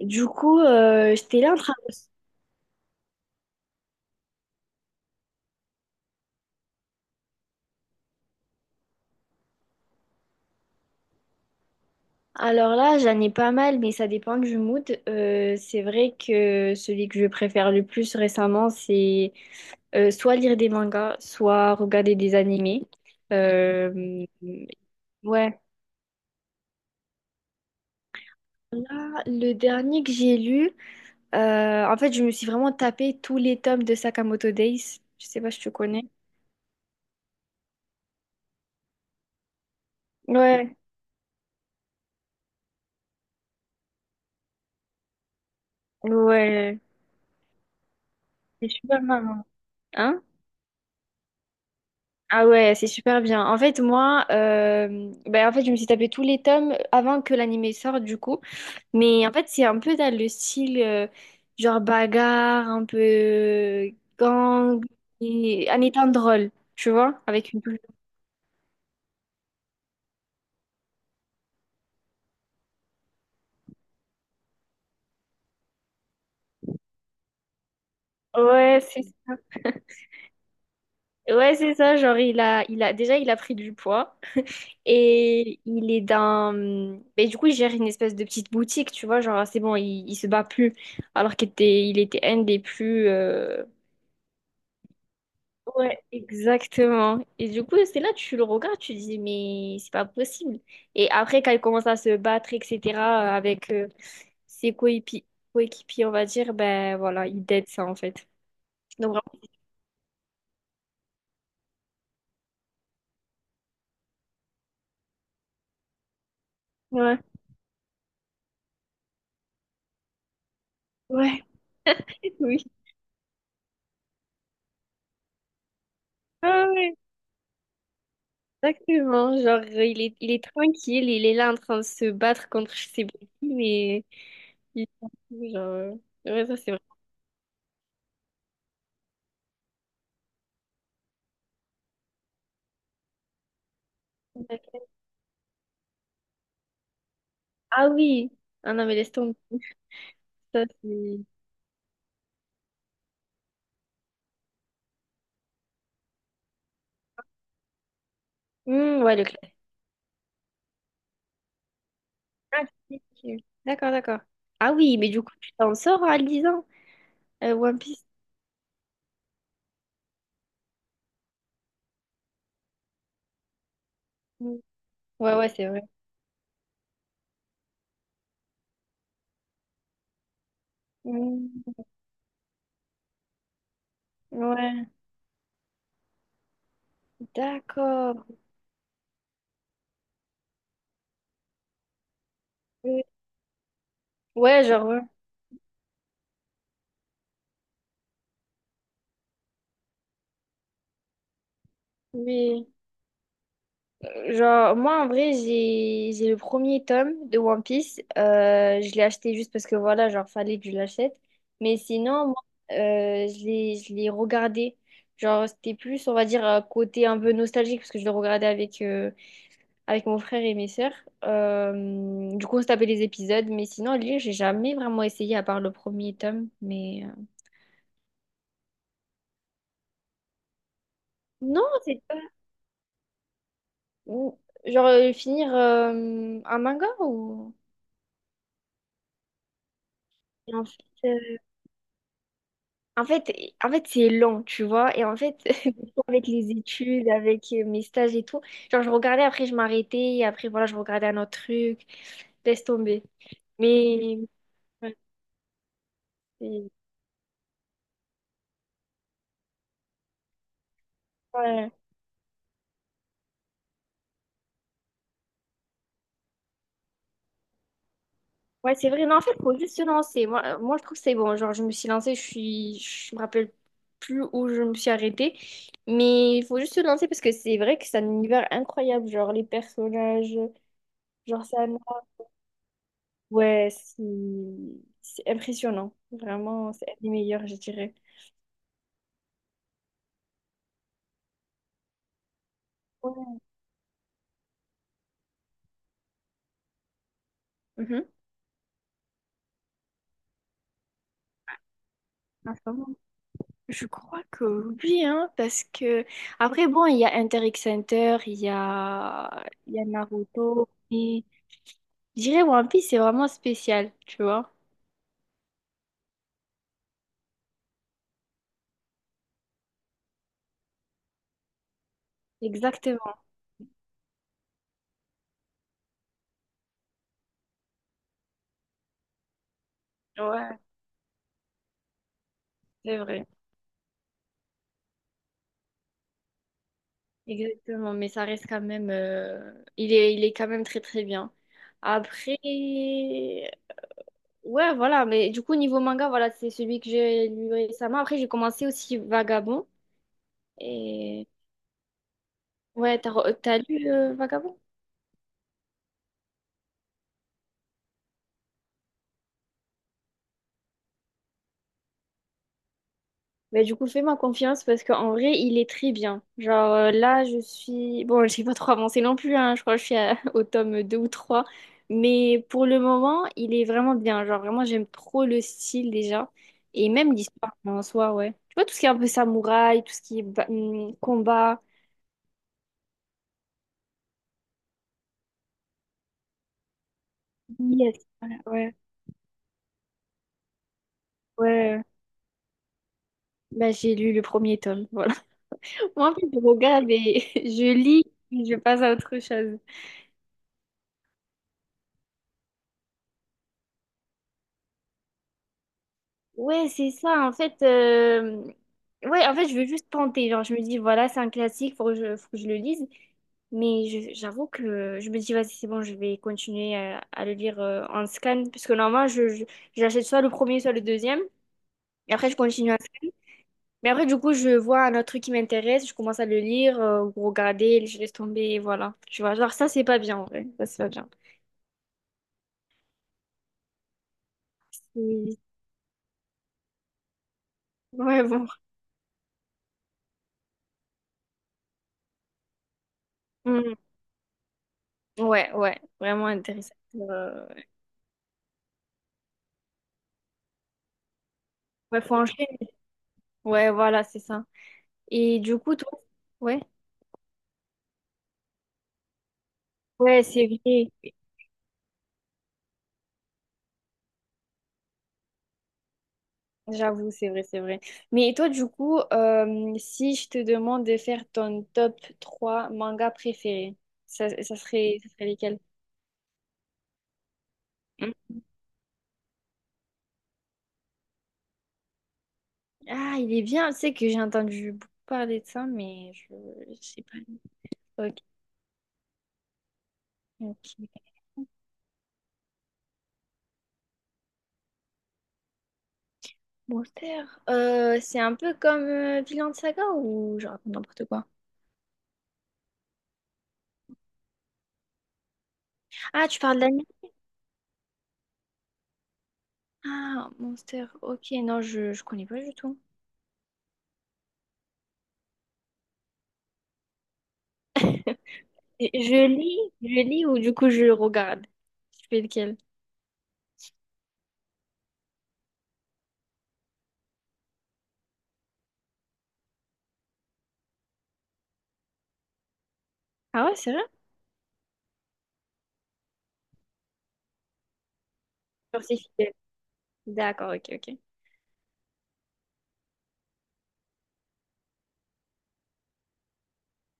Du coup, j'étais là en train de... Alors là, j'en ai pas mal, mais ça dépend du mood. C'est vrai que celui que je préfère le plus récemment, c'est soit lire des mangas, soit regarder des animés. Euh, ouais. Là, le dernier que j'ai lu, en fait, je me suis vraiment tapé tous les tomes de Sakamoto Days. Je sais pas si tu connais. Ouais, ouais. C'est super marrant. Hein. Ah ouais, c'est super bien. En fait, moi, ben, en fait, je me suis tapé tous les tomes avant que l'animé sorte, du coup. Mais en fait, c'est un peu dans le style, genre bagarre, un peu gang, en étant drôle, tu vois, avec une touche. Ouais, c'est ouais, c'est ça. Genre, déjà, il a pris du poids. Et il est dans... Mais du coup, il gère une espèce de petite boutique, tu vois. Genre, c'est bon, il se bat plus. Alors qu'il était un des plus... Ouais, exactement. Et du coup, c'est là, tu le regardes, tu dis, mais c'est pas possible. Et après, quand il commence à se battre, etc., avec ses coépi- coéquipiers, on va dire, ben voilà, il dead ça, en fait. Donc, vraiment, ouais, ouais, oui. Ah ouais, exactement. Genre, il est tranquille, il est là en train de se battre contre je sais pas qui, mais il s'en fout, genre, ouais, ça, c'est vrai. Ah oui, ah non, mais laisse tomber. Ça, c'est... Hmm, ouais, le. Ah, si, si. D'accord, d'accord. Ah oui, mais du coup, tu t'en sors en lisant One Piece. Mm. Ouais, ouais, c'est vrai. Mm. Ouais, d'accord. Oui. Ouais, genre, ouais. Oui. Genre, moi, en vrai, j'ai le premier tome de One Piece. Je l'ai acheté juste parce que, voilà, genre, fallait que je l'achète. Mais sinon, moi, je l'ai regardé. Genre, c'était plus, on va dire, un côté un peu nostalgique parce que je le regardais avec... avec mon frère et mes sœurs. Du coup, on se tapait les épisodes, mais sinon, à lire, j'ai jamais vraiment essayé à part le premier tome. Mais non, c'est pas. ou- genre finir un manga ou. Et en fait, euh, en fait, en fait, c'est lent, tu vois. Et en fait, avec les études, avec mes stages et tout, genre je regardais, après je m'arrêtais, et après voilà, je regardais un autre truc, laisse tomber. Mais ouais, c'est- ouais. Ouais, c'est vrai. Non, en fait, faut juste se lancer. Moi, moi je trouve que c'est bon. Genre, je me suis lancée, je suis... je me rappelle plus où je me suis arrêtée. Mais il faut juste se lancer parce que c'est vrai que c'est un univers incroyable. Genre, les personnages, genre, ça. Ouais, c'est impressionnant. Vraiment, c'est un des meilleurs, je dirais. Ouais. Mhm. Je crois que oui, hein, parce que après, bon, il y a Inter X Hunter, il y a Naruto, et je dirais One Piece, c'est vraiment spécial, tu vois. Exactement, ouais, c'est vrai. Exactement, mais ça reste quand même, il est quand même très très bien. Après, ouais, voilà, mais du coup, niveau manga, voilà, c'est celui que j'ai lu récemment. Après, j'ai commencé aussi Vagabond, et ouais, t'as lu Vagabond? Bah, du coup, fais-moi confiance parce qu'en vrai, il est très bien. Genre là, je suis... Bon, je n'ai pas trop avancé non plus, hein. Je crois que je suis à- au tome 2 ou trois. Mais pour le moment, il est vraiment bien. Genre vraiment, j'aime trop le style déjà. Et même l'histoire en soi, ouais. Tu vois, tout ce qui est un peu samouraï, tout ce qui est combat. Yes, voilà, ouais. Ouais. Bah, j'ai lu le premier tome, voilà. Moi, en fait, je regarde et je lis et je passe à autre chose. Ouais, c'est ça. En fait, ouais, en fait, je veux juste tenter. Genre, je me dis, voilà, c'est un classique, faut que je le lise. Mais j'avoue que je me dis, vas-y, c'est bon, je vais continuer à le lire en scan. Parce que normalement, j'achète soit le premier, soit le deuxième. Et après, je continue à scan. Mais après, du coup, je vois un autre truc qui m'intéresse, je commence à le lire, ou regarder, je laisse tomber, et voilà. Tu vois, genre, ça, c'est pas bien, en vrai. Ça, c'est pas bien. C'est- ouais, bon. Mm. Ouais, ouais, vraiment intéressant. Ouais, faut en. Ouais, voilà, c'est ça. Et du coup, toi, ouais, ouais, c'est vrai. J'avoue, c'est vrai, c'est vrai. Mais toi, du coup, si je te demande de faire ton top 3 mangas préférés, ça serait lesquels? Hmm. Ah, il est bien. Tu sais que j'ai entendu beaucoup parler de ça, mais je sais pas. Ok, ok. Monster. C'est un peu comme Vinland Saga ou je raconte n'importe quoi. Ah, tu parles d'anime? Ah, Monster. Ok, non, je connais pas du tout. Je lis, je lis ou du coup je regarde. Je fais lequel? Ah ouais, c'est vrai? Genre, c'est fidèle. D'accord, ok, ok.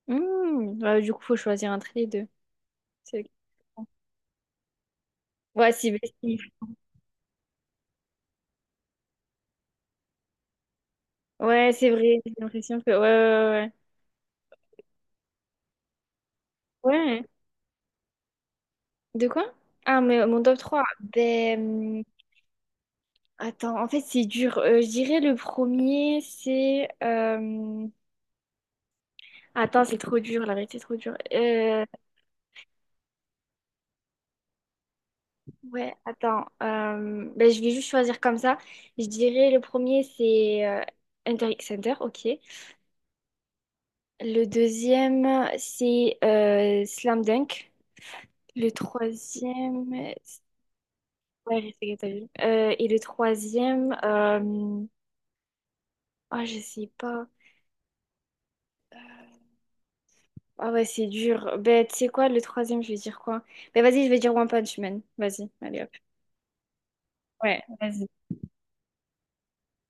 Hmm, ouais, du coup, faut choisir entre les deux. C'est- ouais, si, si. Ouais, c'est vrai. J'ai l'impression que. Ouais, ouais, ouais. Ouais. De quoi? Ah, mais mon top 3 ben. Hum, attends, en fait, c'est dur. Je dirais le premier, c'est. Attends, c'est trop dur, la vérité, c'est trop dur. Ouais, attends. Ben, je vais juste choisir comme ça. Je dirais le premier, c'est Inter X Center, ok. Le deuxième, c'est Slam Dunk. Le troisième, ouais, Respect à ta vie. Et le troisième, ah, je sais pas. Ah ouais, c'est dur. Ben, tu sais quoi, le troisième, je vais dire quoi? Ben, vas-y, je vais dire One Punch Man. Vas-y, allez hop. Ouais, vas-y.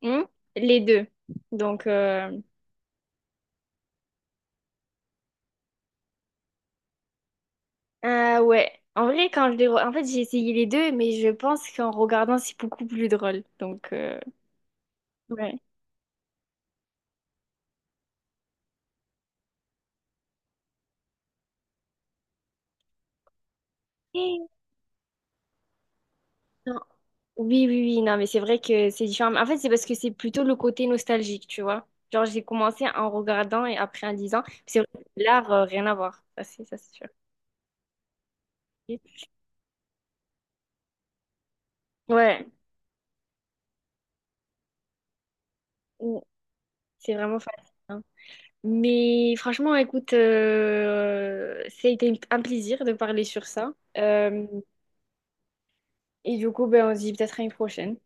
Hmm. Les deux. Donc, Ah ouais. En vrai, quand je les... En fait, j'ai essayé les deux, mais je pense qu'en regardant, c'est beaucoup plus drôle. Donc, ouais. Eh, non. Oui, oui, oui. Non, mais c'est vrai que c'est différent. Mais en fait, c'est parce que c'est plutôt le côté nostalgique, tu vois. Genre, j'ai commencé en regardant et après en disant. C'est vrai que l'art, rien à voir. Ça, c'est sûr. Ouais. Mm. C'est vraiment fascinant. Mais franchement, écoute, ça a été un plaisir de parler sur ça. Et du coup, ben, on se dit peut-être à une prochaine.